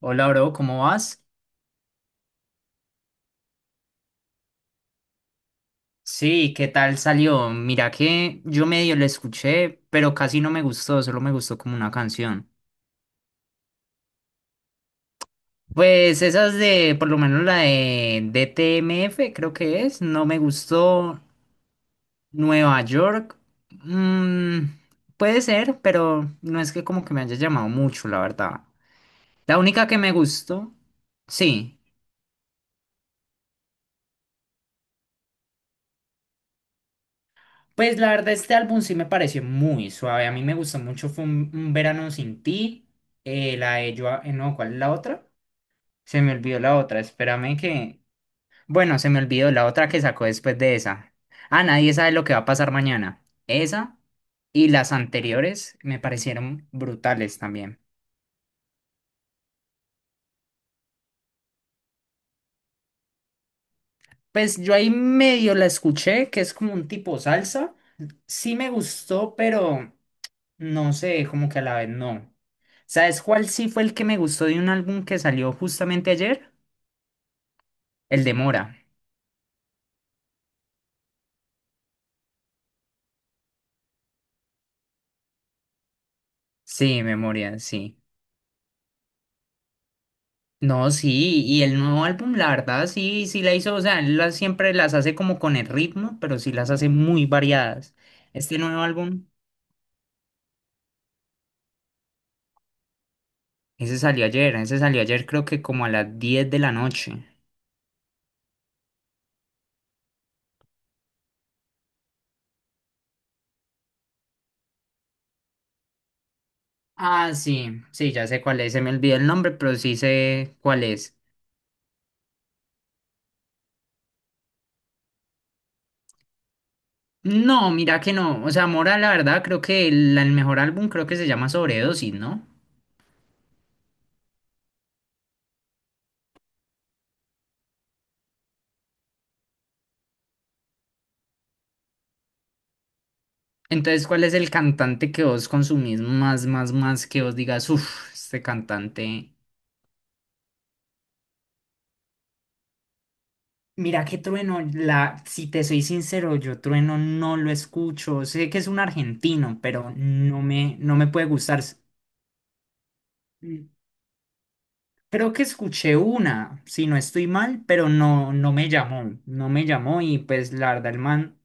Hola, bro, ¿cómo vas? Sí, ¿qué tal salió? Mira que yo medio lo escuché, pero casi no me gustó, solo me gustó como una canción. Pues esas de, por lo menos la de DTMF, creo que es, no me gustó. Nueva York, mm, puede ser, pero no es que como que me haya llamado mucho, la verdad. La única que me gustó, sí. Pues la verdad, este álbum sí me pareció muy suave. A mí me gustó mucho. Fue un verano sin ti. La de yo. No, ¿cuál es la otra? Se me olvidó la otra. Espérame que. Bueno, se me olvidó la otra que sacó después de esa. Ah, nadie sabe lo que va a pasar mañana. Esa y las anteriores me parecieron brutales también. Pues yo ahí medio la escuché, que es como un tipo salsa. Sí me gustó, pero. No sé, como que a la vez no. ¿Sabes cuál sí fue el que me gustó de un álbum que salió justamente ayer? El de Mora. Sí, Memoria, sí. No, sí, y el nuevo álbum, la verdad, sí, sí la hizo, o sea, siempre las hace como con el ritmo, pero sí las hace muy variadas. Este nuevo álbum, ese salió ayer creo que como a las 10 de la noche. Ah, sí, sí, ya sé cuál es, se me olvidó el nombre, pero sí sé cuál es. No, mira que no. O sea, Mora, la verdad, creo que el mejor álbum creo que se llama Sobredosis, ¿no? Entonces, ¿cuál es el cantante que vos consumís más, más, más que vos digas, uff, este cantante. Mira que Trueno, si te soy sincero, yo Trueno no lo escucho. Sé que es un argentino, pero no me puede gustar. Mm, Creo que escuché una, si no estoy mal, pero no, no me llamó. No me llamó y pues la verdad, el man.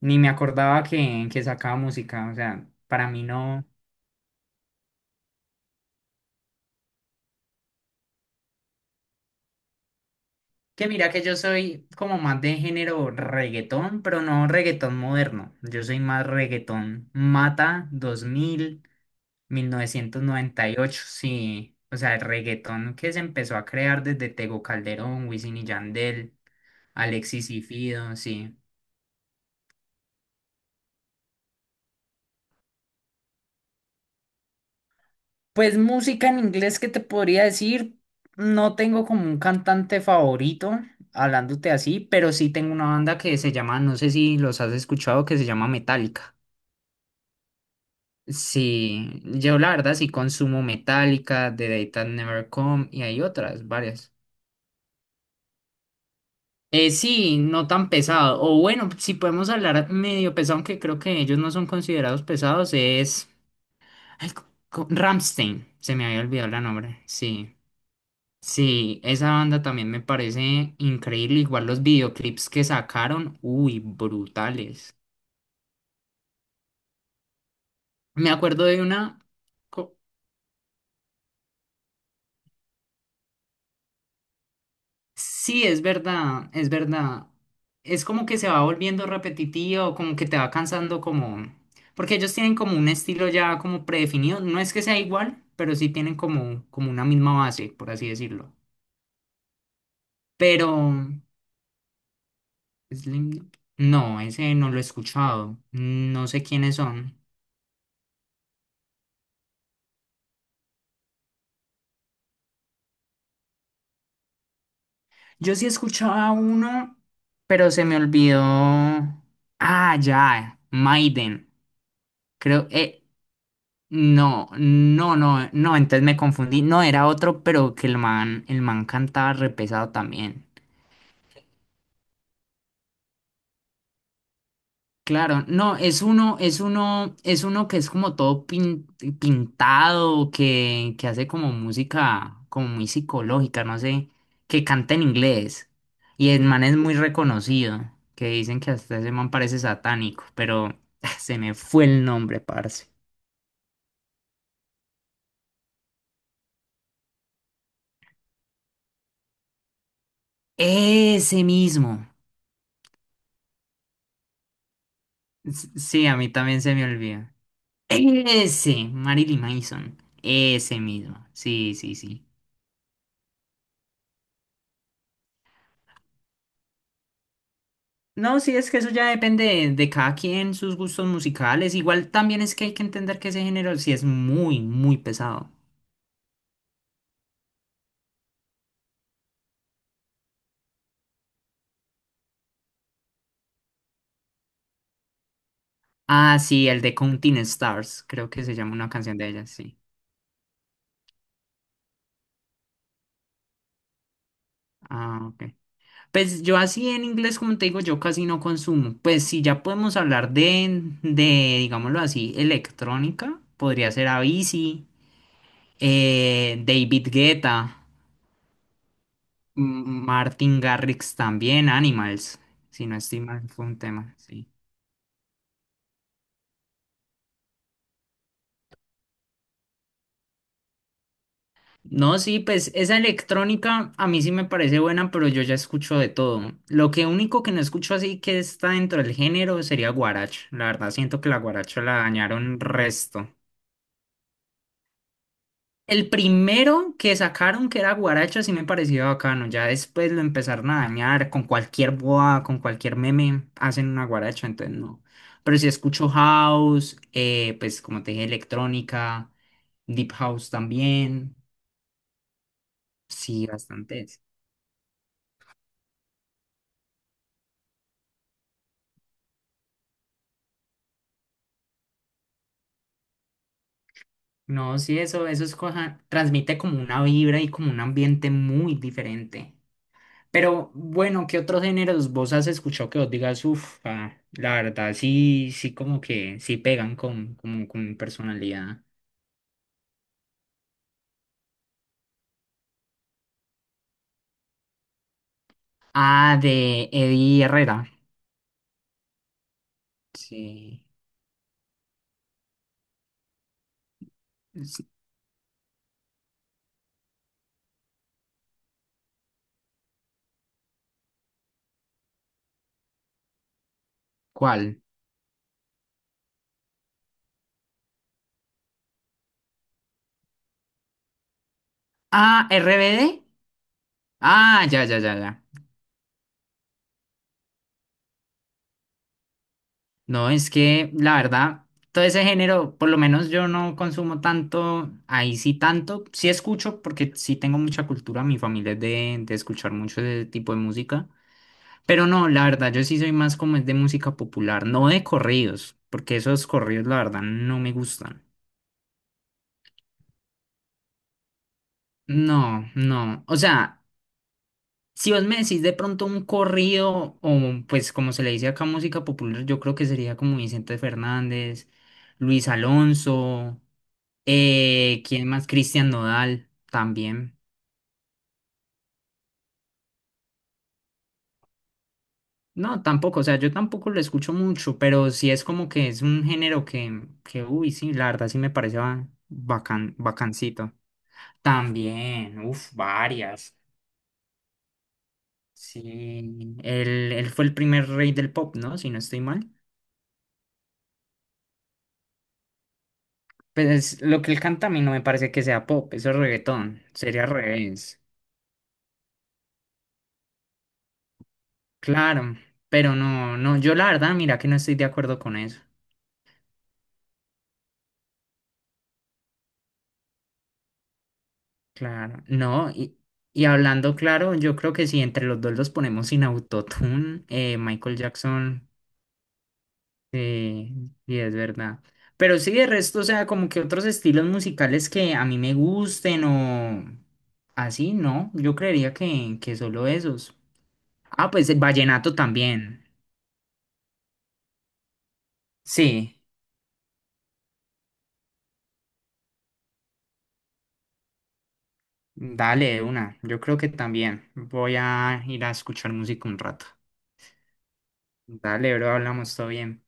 Ni me acordaba que sacaba música, o sea, para mí no. Que mira que yo soy como más de género reggaetón, pero no reggaetón moderno. Yo soy más reggaetón Mata dos mil 1998 sí. O sea, el reggaetón que se empezó a crear desde Tego Calderón, Wisin y Yandel, Alexis y Fido, sí. Pues música en inglés, ¿qué te podría decir? No tengo como un cantante favorito, hablándote así, pero sí tengo una banda que se llama, no sé si los has escuchado, que se llama Metallica. Sí, yo la verdad sí consumo Metallica, The Day That Never Come y hay otras, varias. Sí, no tan pesado. O bueno, si podemos hablar medio pesado, aunque creo que ellos no son considerados pesados, es... Ay, Rammstein, se me había olvidado la nombre, sí. Sí, esa banda también me parece increíble. Igual los videoclips que sacaron, uy, brutales. Me acuerdo de una... co- Sí, es verdad, es verdad. Es como que se va volviendo repetitivo, como que te va cansando como... Porque ellos tienen como un estilo ya como predefinido. No es que sea igual, pero sí tienen como, como una misma base, por así decirlo. Pero... Slim- No, ese no lo he escuchado. No sé quiénes son. Yo sí escuchaba uno, pero se me olvidó. Ah, ya, Maiden. Creo, no, no, no, no, entonces me confundí. No, era otro, pero que el man cantaba repesado también. Claro, no, es uno que es como todo pintado, que hace como música como muy psicológica, no sé, que canta en inglés. Y el man es muy reconocido, que dicen que hasta ese man parece satánico, pero se me fue el nombre, parce. Ese mismo. Sí, a mí también se me olvida. Ese, Marilyn Manson. Ese mismo. Sí, sí, sí. No, sí, es que eso ya depende de cada quien, sus gustos musicales. Igual también es que hay que entender que ese género sí es muy, muy pesado. Ah, sí, el de Counting Stars, creo que se llama una canción de ella, sí. Ah, ok. Pues yo así en inglés, como te digo, yo casi no consumo. Pues si ya podemos hablar digámoslo así, electrónica, podría ser Avicii, David Guetta, Martin Garrix también, Animals, si no estoy mal, fue un tema, sí. No, sí, pues esa electrónica a mí sí me parece buena, pero yo ya escucho de todo. Lo que único que no escucho así que está dentro del género sería guaracha. La verdad, siento que la guaracha la dañaron resto. El primero que sacaron que era guaracha sí me pareció bacano. Ya después lo empezaron a dañar con cualquier boa, con cualquier meme, hacen una guaracha, entonces no. Pero sí escucho house, pues como te dije, electrónica, deep house también. Sí, bastante. No, sí, eso es cosa, transmite como una vibra y como un ambiente muy diferente. Pero bueno, ¿qué otros géneros vos has escuchado que vos digas, uff, la verdad, sí, sí, como que sí pegan como con mi personalidad? Ah, de Eddie Herrera. Sí. Sí, ¿cuál? Ah, RBD. Ah, ya, ya, ya, ya. No, es que la verdad, todo ese género, por lo menos yo no consumo tanto, ahí sí tanto, sí escucho porque sí tengo mucha cultura, mi familia es de escuchar mucho ese tipo de música, pero no, la verdad yo sí soy más como es de música popular, no de corridos, porque esos corridos la verdad no me gustan. No, no, o sea... Si vos me decís de pronto un corrido, o pues como se le dice acá música popular, yo creo que sería como Vicente Fernández, Luis Alonso, ¿quién más? Cristian Nodal también. No, tampoco, o sea, yo tampoco lo escucho mucho, pero sí es como que es un género que uy, sí, la verdad sí me parece bacan, bacancito. También, uff, varias. Sí, él fue el primer rey del pop, ¿no? Si no estoy mal. Pues lo que él canta a mí no me parece que sea pop, eso es reggaetón, sería al revés. Claro, pero no, no, yo la verdad, mira que no estoy de acuerdo con eso. Claro, no, y hablando claro, yo creo que si entre los dos los ponemos sin autotune, Michael Jackson, eh, sí es verdad. Pero sí, de resto, o sea, como que otros estilos musicales que a mí me gusten o así, no, yo creería que solo esos. Ah, pues el vallenato también, sí. Dale, de una. Yo creo que también voy a ir a escuchar música un rato. Dale, bro, hablamos todo bien.